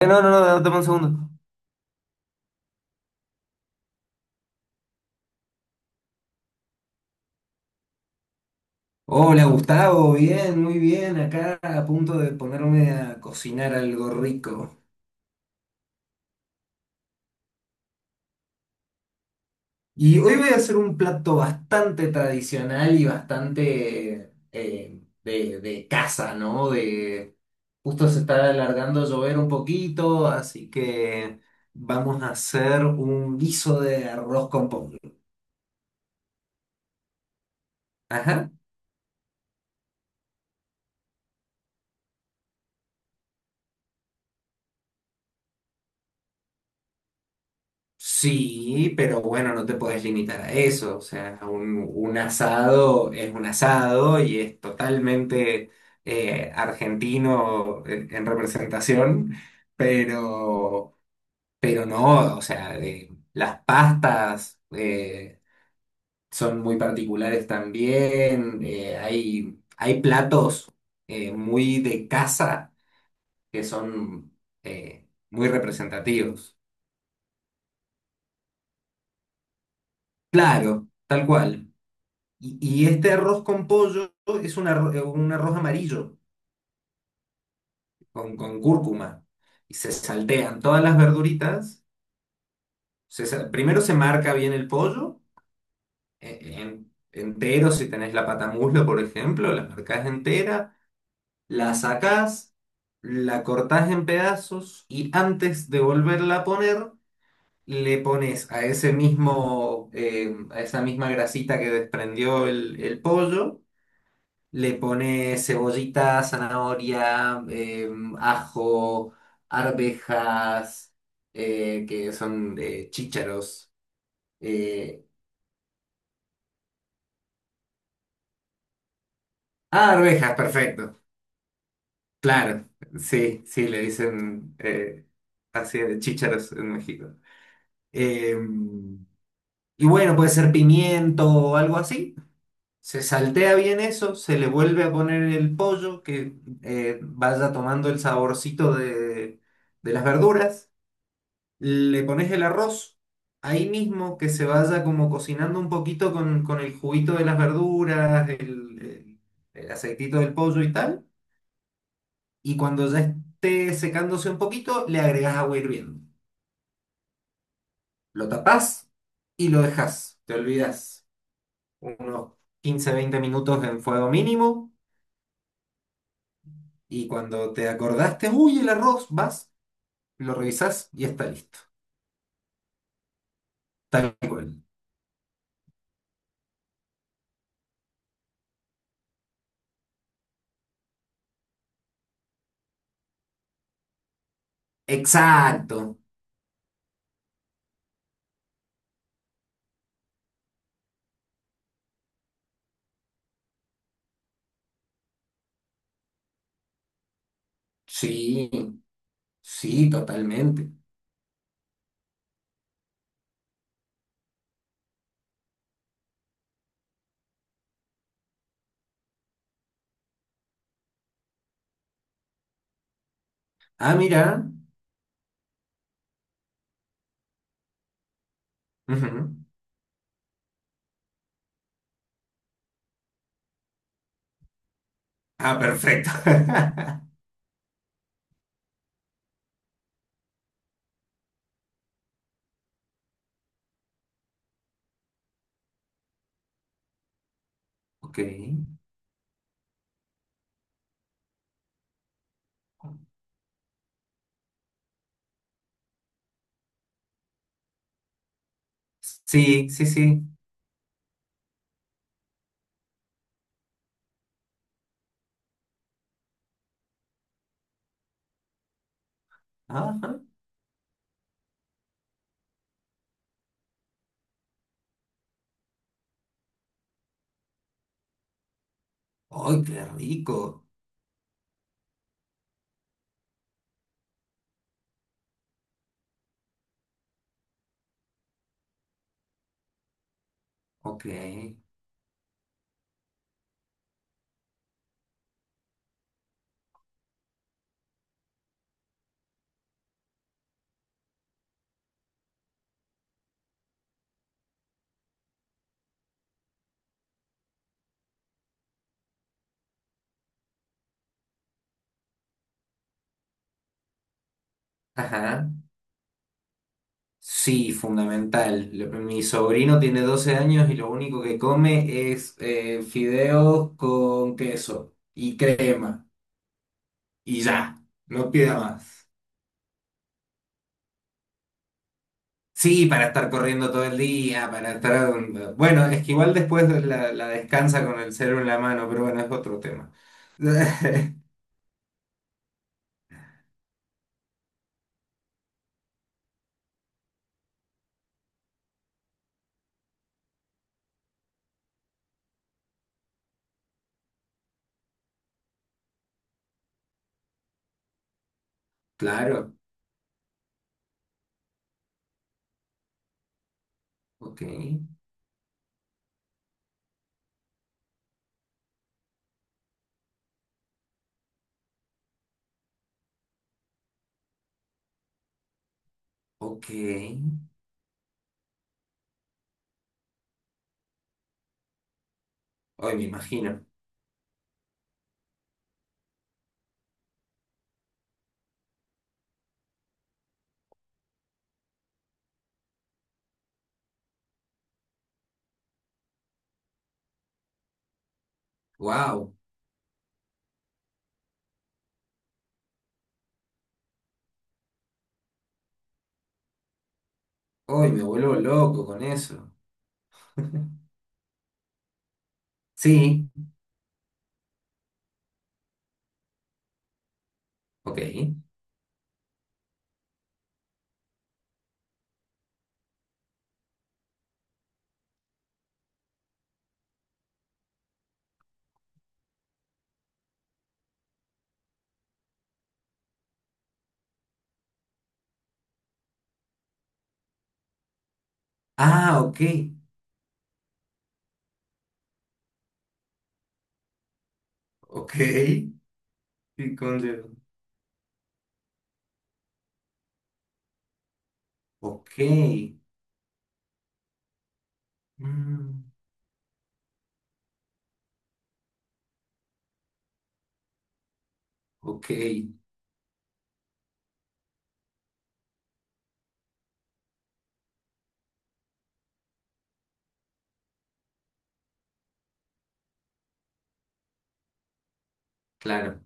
No, no, no, no, dame un segundo. Hola Gustavo, bien, muy bien, acá a punto de ponerme a cocinar algo rico. Y hoy voy a hacer un plato bastante tradicional y bastante de casa, ¿no? De, justo se está alargando a llover un poquito, así que vamos a hacer un guiso de arroz con pollo. Ajá. Sí, pero bueno, no te puedes limitar a eso. O sea, un asado es un asado y es totalmente argentino en representación, pero, pero no, o sea, las pastas son muy particulares también. Hay platos muy de casa que son muy representativos. Claro, tal cual. Y, y este arroz con pollo es un arroz amarillo con cúrcuma. Y se saltean todas las verduritas. Primero se marca bien el pollo, entero, si tenés la patamuslo, por ejemplo, la marcás entera, la sacás, la cortás en pedazos y antes de volverla a poner, le pones a ese mismo, a esa misma grasita que desprendió el pollo. Le pone cebollita, zanahoria, ajo, arvejas, que son chícharos. eh, ah, arvejas, perfecto. Claro, sí, sí, le dicen así de chícharos en México. Eh, y bueno, puede ser pimiento o algo así. Se saltea bien eso, se le vuelve a poner el pollo que vaya tomando el saborcito de las verduras. Le pones el arroz ahí mismo, que se vaya como cocinando un poquito con el juguito de las verduras, el- el aceitito del pollo y tal. Y cuando ya esté secándose un poquito, le agregas agua hirviendo. Lo tapás y lo dejas, te olvidas unos 15 a 20 minutos en fuego mínimo. Y cuando te acordaste, uy, el arroz, vas, lo revisás y está listo. Tal cual. Exacto. Sí, sí, totalmente. Ah, mira. Ujú. Ah, perfecto. Ok. Sí, sí, sí. Ajá. ¡Ay, qué rico! Ok. Ajá. Sí, fundamental. Mi sobrino tiene 12 años y lo único que come es fideos con queso y crema. Y ya, no pida más. Sí, para estar corriendo todo el día, para estar... Bueno, es que igual después la descansa con el cero en la mano, pero bueno, es otro tema. Claro, ok, ok. Hoy me imagino. Wow, hoy me vuelvo loco con eso. Sí, ok. Ah, ok, ok. Sí, con dedo. Ok, mm, ok, claro.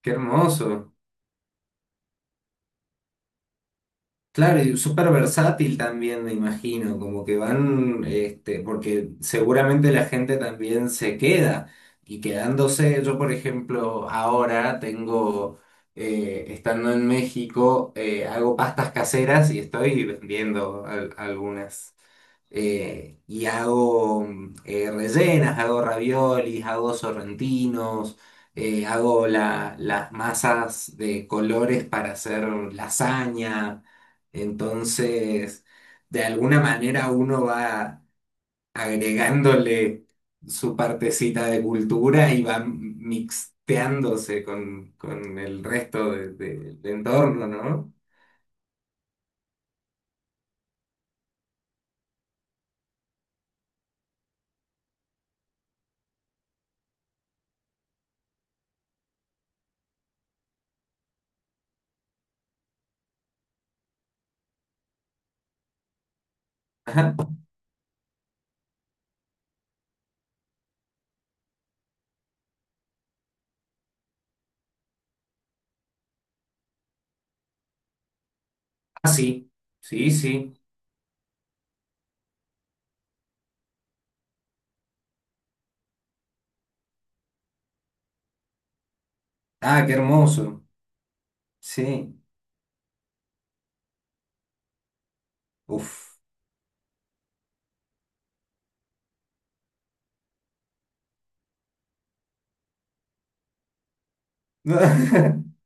Qué hermoso. Claro, y súper versátil también, me imagino, como que van, este, porque seguramente la gente también se queda y quedándose, yo por ejemplo ahora tengo, estando en México, hago pastas caseras y estoy vendiendo algunas y hago rellenas, hago raviolis, hago sorrentinos, hago las masas de colores para hacer lasaña. Entonces, de alguna manera uno va agregándole su partecita de cultura y va mixteándose con el resto del entorno, ¿no? Ajá. Ah, sí, sí, sí. Ah, qué hermoso. Sí. Uf.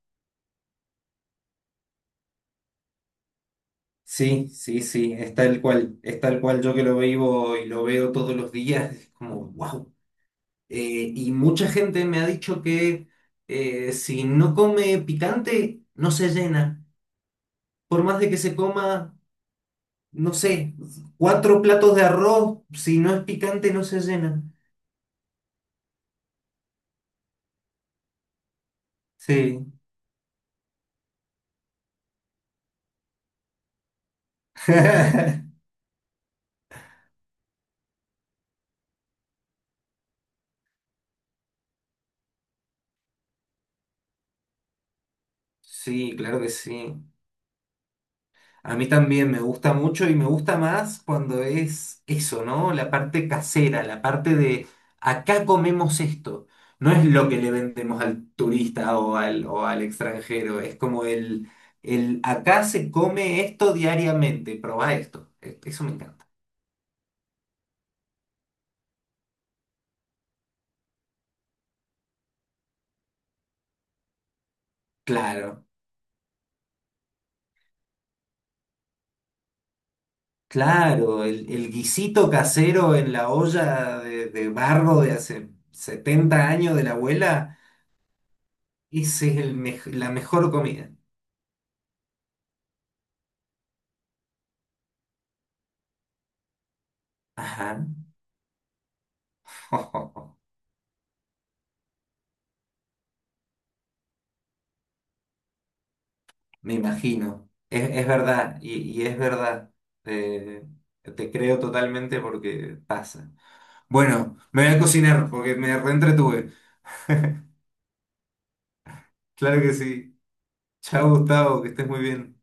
Sí, sí, sí, es tal cual yo que lo vivo y lo veo todos los días, es como, wow. Y mucha gente me ha dicho que si no come picante, no se llena. Por más de que se coma, no sé, cuatro platos de arroz, si no es picante, no se llena. Sí. Sí, claro que sí. A mí también me gusta mucho y me gusta más cuando es eso, ¿no? La parte casera, la parte de acá comemos esto. No es lo que le vendemos al turista o al extranjero, es como el acá se come esto diariamente, probá esto. Eso me encanta. Claro, claro, el guisito casero en la olla de barro de hace 70 años de la abuela, ese es la mejor comida. Ajá. Me imagino, es verdad, y es verdad. Eh, Te creo totalmente porque pasa. Bueno, me voy a cocinar porque me reentretuve. Claro que sí. Chao, Gustavo, que estés muy bien.